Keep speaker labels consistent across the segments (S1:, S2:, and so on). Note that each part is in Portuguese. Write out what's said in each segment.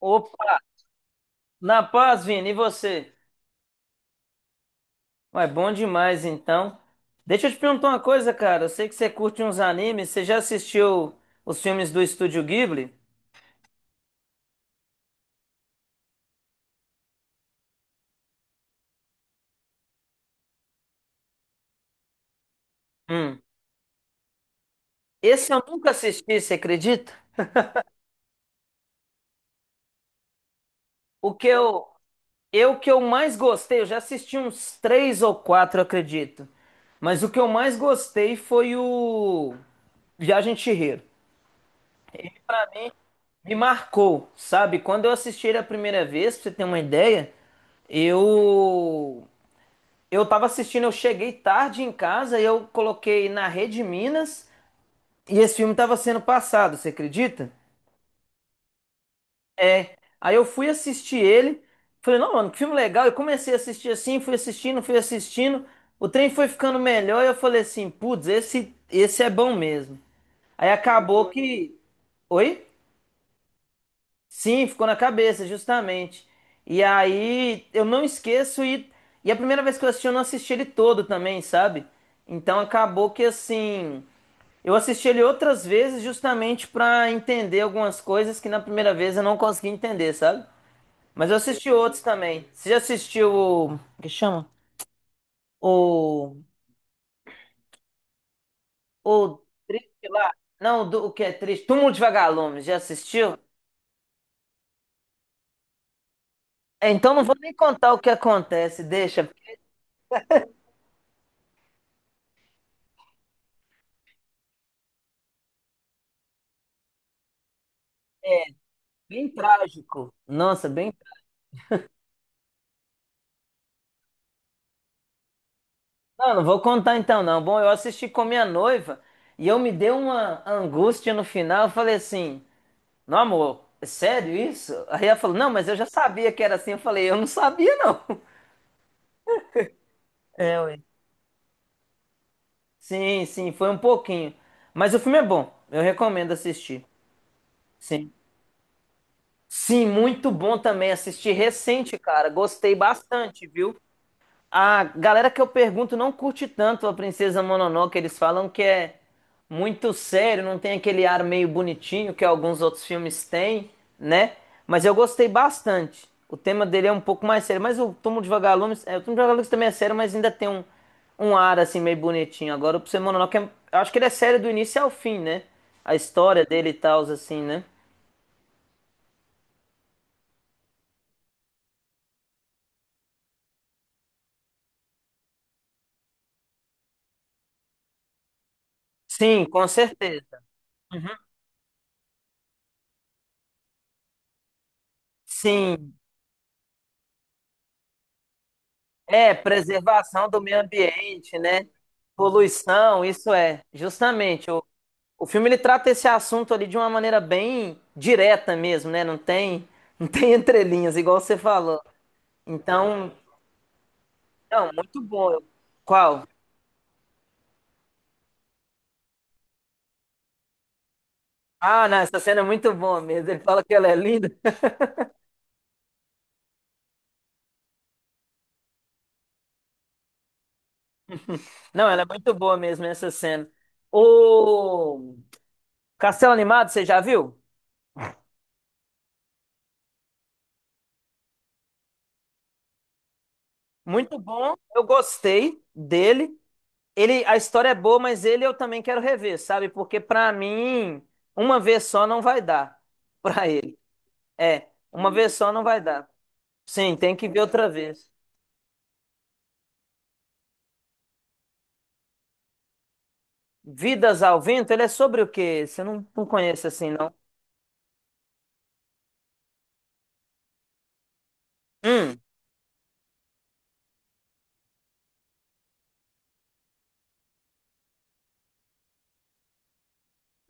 S1: Opa, na paz, Vini, e você? Ué, bom demais, então. Deixa eu te perguntar uma coisa, cara. Eu sei que você curte uns animes. Você já assistiu os filmes do Estúdio Ghibli? Hum. Esse eu nunca assisti, você acredita? O que eu mais gostei, eu já assisti uns três ou quatro, eu acredito. Mas o que eu mais gostei foi o Viagem de Chihiro. Me marcou, sabe? Quando eu assisti ele a primeira vez, pra você ter uma ideia, eu Eu tava assistindo, eu cheguei tarde em casa e eu coloquei na Rede Minas e esse filme tava sendo passado, você acredita? É. Aí eu fui assistir ele, falei, não, mano, que filme legal. Eu comecei a assistir assim, fui assistindo, fui assistindo. O trem foi ficando melhor e eu falei assim, putz, esse é bom mesmo. Aí acabou que. Oi? Sim, ficou na cabeça, justamente. E aí eu não esqueço, e a primeira vez que eu assisti, eu não assisti ele todo também, sabe? Então acabou que assim, eu assisti ele outras vezes justamente pra entender algumas coisas que na primeira vez eu não consegui entender, sabe? Mas eu assisti outros também. Você já assistiu o que chama? O o Triste lá? Não, do, o que é triste? Túmulo de Vagalumes, já assistiu? É, então não vou nem contar o que acontece, deixa. Bem trágico. Nossa, bem. Não, não vou contar então, não. Bom, eu assisti com minha noiva e eu me dei uma angústia no final. Eu falei assim: Não, amor, é sério isso? Aí ela falou: Não, mas eu já sabia que era assim. Eu falei: Eu não sabia, não. É, ué. Sim, sim, foi um pouquinho. Mas o filme é bom. Eu recomendo assistir. Sim. Sim, muito bom também. Assisti recente, cara. Gostei bastante, viu? A galera que eu pergunto não curte tanto a Princesa Mononoke, eles falam que é muito sério, não tem aquele ar meio bonitinho que alguns outros filmes têm, né? Mas eu gostei bastante. O tema dele é um pouco mais sério, mas o Túmulo de Vagalumes, é, o Túmulo de Vagalumes também é sério, mas ainda tem um, um ar assim meio bonitinho. Agora o Princesa Mononoke, eu acho que ele é sério do início ao fim, né? A história dele e tal, assim, né? Sim, com certeza. Sim, é, preservação do meio ambiente, né? Poluição, isso é. Justamente, o filme ele trata esse assunto ali de uma maneira bem direta mesmo, né? Não tem entrelinhas, igual você falou. Então, não, muito bom. Qual? Ah, não, essa cena é muito boa mesmo. Ele fala que ela é linda. Não, ela é muito boa mesmo, essa cena. O Castelo Animado, você já viu? Muito bom. Eu gostei dele. Ele, a história é boa, mas ele eu também quero rever, sabe? Porque pra mim, uma vez só não vai dar pra ele. É, uma vez só não vai dar. Sim, tem que ver outra vez. Vidas ao Vento, ele é sobre o quê? Você não, não conhece assim, não? Hum,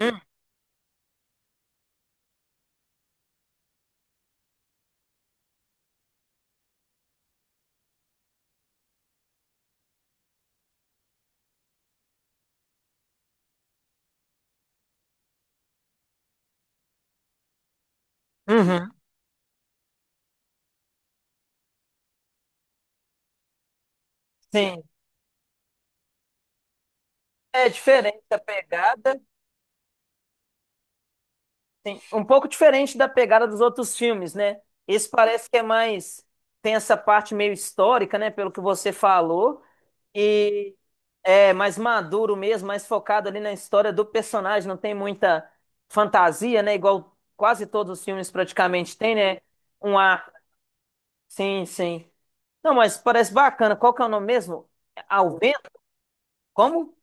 S1: hum, uhum. Sim. É diferente a pegada, sim. Um pouco diferente da pegada dos outros filmes, né? Esse parece que é mais. Tem essa parte meio histórica, né? Pelo que você falou. E é mais maduro mesmo, mais focado ali na história do personagem, não tem muita fantasia, né? Igual quase todos os filmes praticamente tem, né? Um ar. Sim, sim. Não, mas parece bacana. Qual que é o nome mesmo? Ao vento? Como?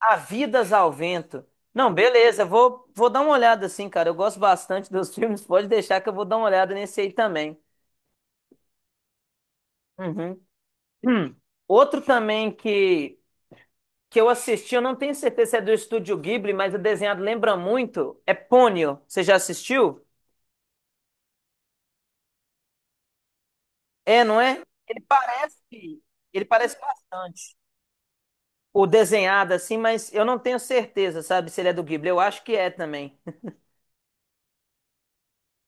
S1: Há vidas ao vento. Não, beleza, vou dar uma olhada assim, cara. Eu gosto bastante dos filmes, pode deixar que eu vou dar uma olhada nesse aí também. Uhum. Hum. Outro também que eu assisti, eu não tenho certeza se é do Estúdio Ghibli, mas o desenhado lembra muito. É Ponyo. Você já assistiu? É, não é? Ele parece, ele parece bastante. O desenhado assim, mas eu não tenho certeza, sabe, se ele é do Ghibli. Eu acho que é também.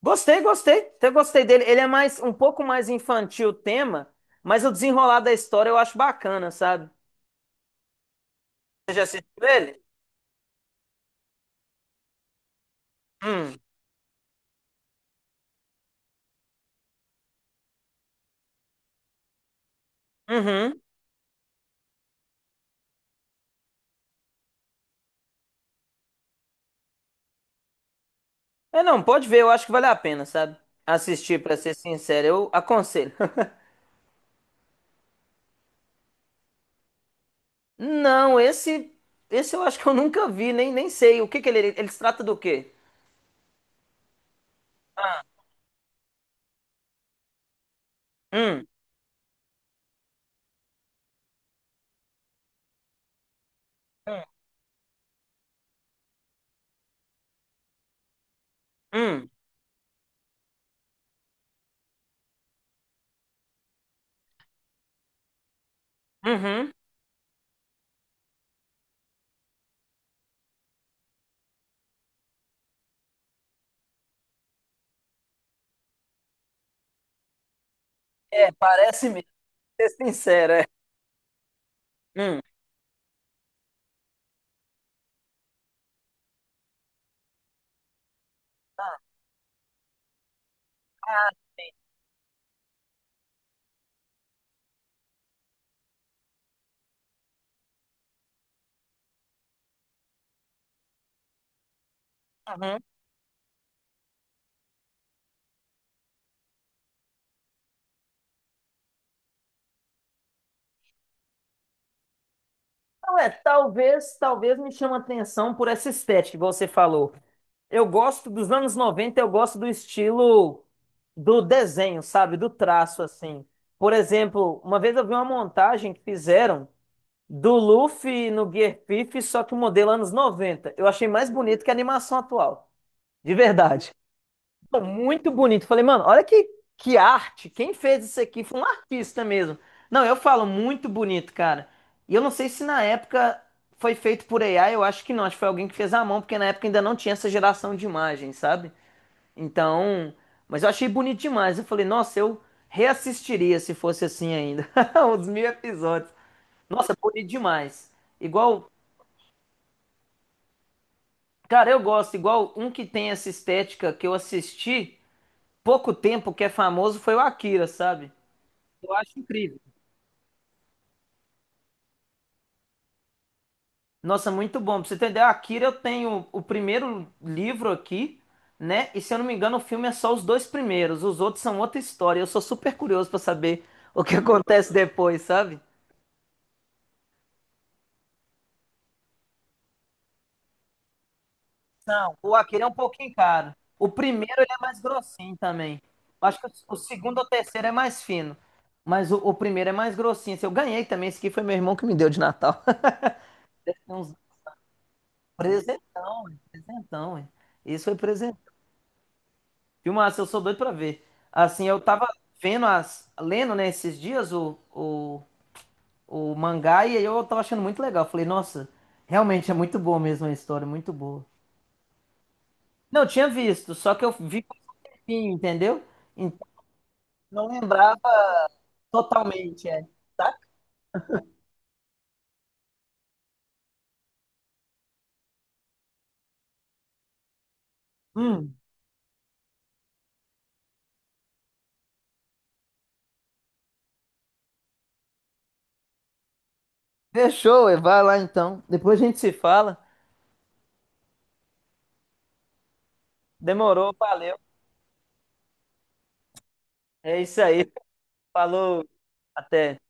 S1: Gostei, gostei. Eu gostei dele. Ele é mais um pouco mais infantil o tema, mas o desenrolar da história eu acho bacana, sabe? Você já assistiu ele? Hum. Uhum. É, não, pode ver, eu acho que vale a pena, sabe? Assistir, pra ser sincero, eu aconselho. Não, esse eu acho que eu nunca vi, nem sei. O que que ele se trata do quê? Hum, hum, uhum. É, parece mesmo, ser sincero, é. Hum, uhum. Não é, talvez me chama a atenção por essa estética que você falou. Eu gosto dos anos 90, eu gosto do estilo do desenho, sabe? Do traço, assim. Por exemplo, uma vez eu vi uma montagem que fizeram do Luffy no Gear Fifth, só que o modelo anos 90. Eu achei mais bonito que a animação atual. De verdade. Mano, muito bonito. Falei, mano, olha que arte. Quem fez isso aqui foi um artista mesmo. Não, eu falo muito bonito, cara. E eu não sei se na época foi feito por AI, eu acho que não. Acho que foi alguém que fez à mão, porque na época ainda não tinha essa geração de imagens, sabe? Então, mas eu achei bonito demais. Eu falei, nossa, eu reassistiria se fosse assim ainda. Os 1000 episódios. Nossa, bonito demais. Igual, cara, eu gosto, igual um que tem essa estética que eu assisti. Pouco tempo que é famoso foi o Akira, sabe? Eu acho incrível. Nossa, muito bom. Pra você entender, o Akira eu tenho o primeiro livro aqui, né? E se eu não me engano, o filme é só os dois primeiros. Os outros são outra história. Eu sou super curioso pra saber o que acontece depois, sabe? Não, o Akira é um pouquinho caro. O primeiro ele é mais grossinho também. Eu acho que o segundo ou terceiro é mais fino. Mas o primeiro é mais grossinho. Esse eu ganhei também. Esse aqui foi meu irmão que me deu de Natal. Presentão, é, presentão, é. Esse foi presente. Filmaço, eu sou doido pra ver. Assim, eu tava vendo as, lendo, né, esses dias o mangá e aí eu tava achando muito legal. Falei, nossa, realmente é muito boa mesmo a história, muito boa. Não, eu tinha visto, só que eu vi com um tempinho, entendeu? Então não lembrava totalmente, é. Tá? Hum, fechou, ué, vai lá então. Depois a gente se fala. Demorou, valeu. É isso aí. Falou, até.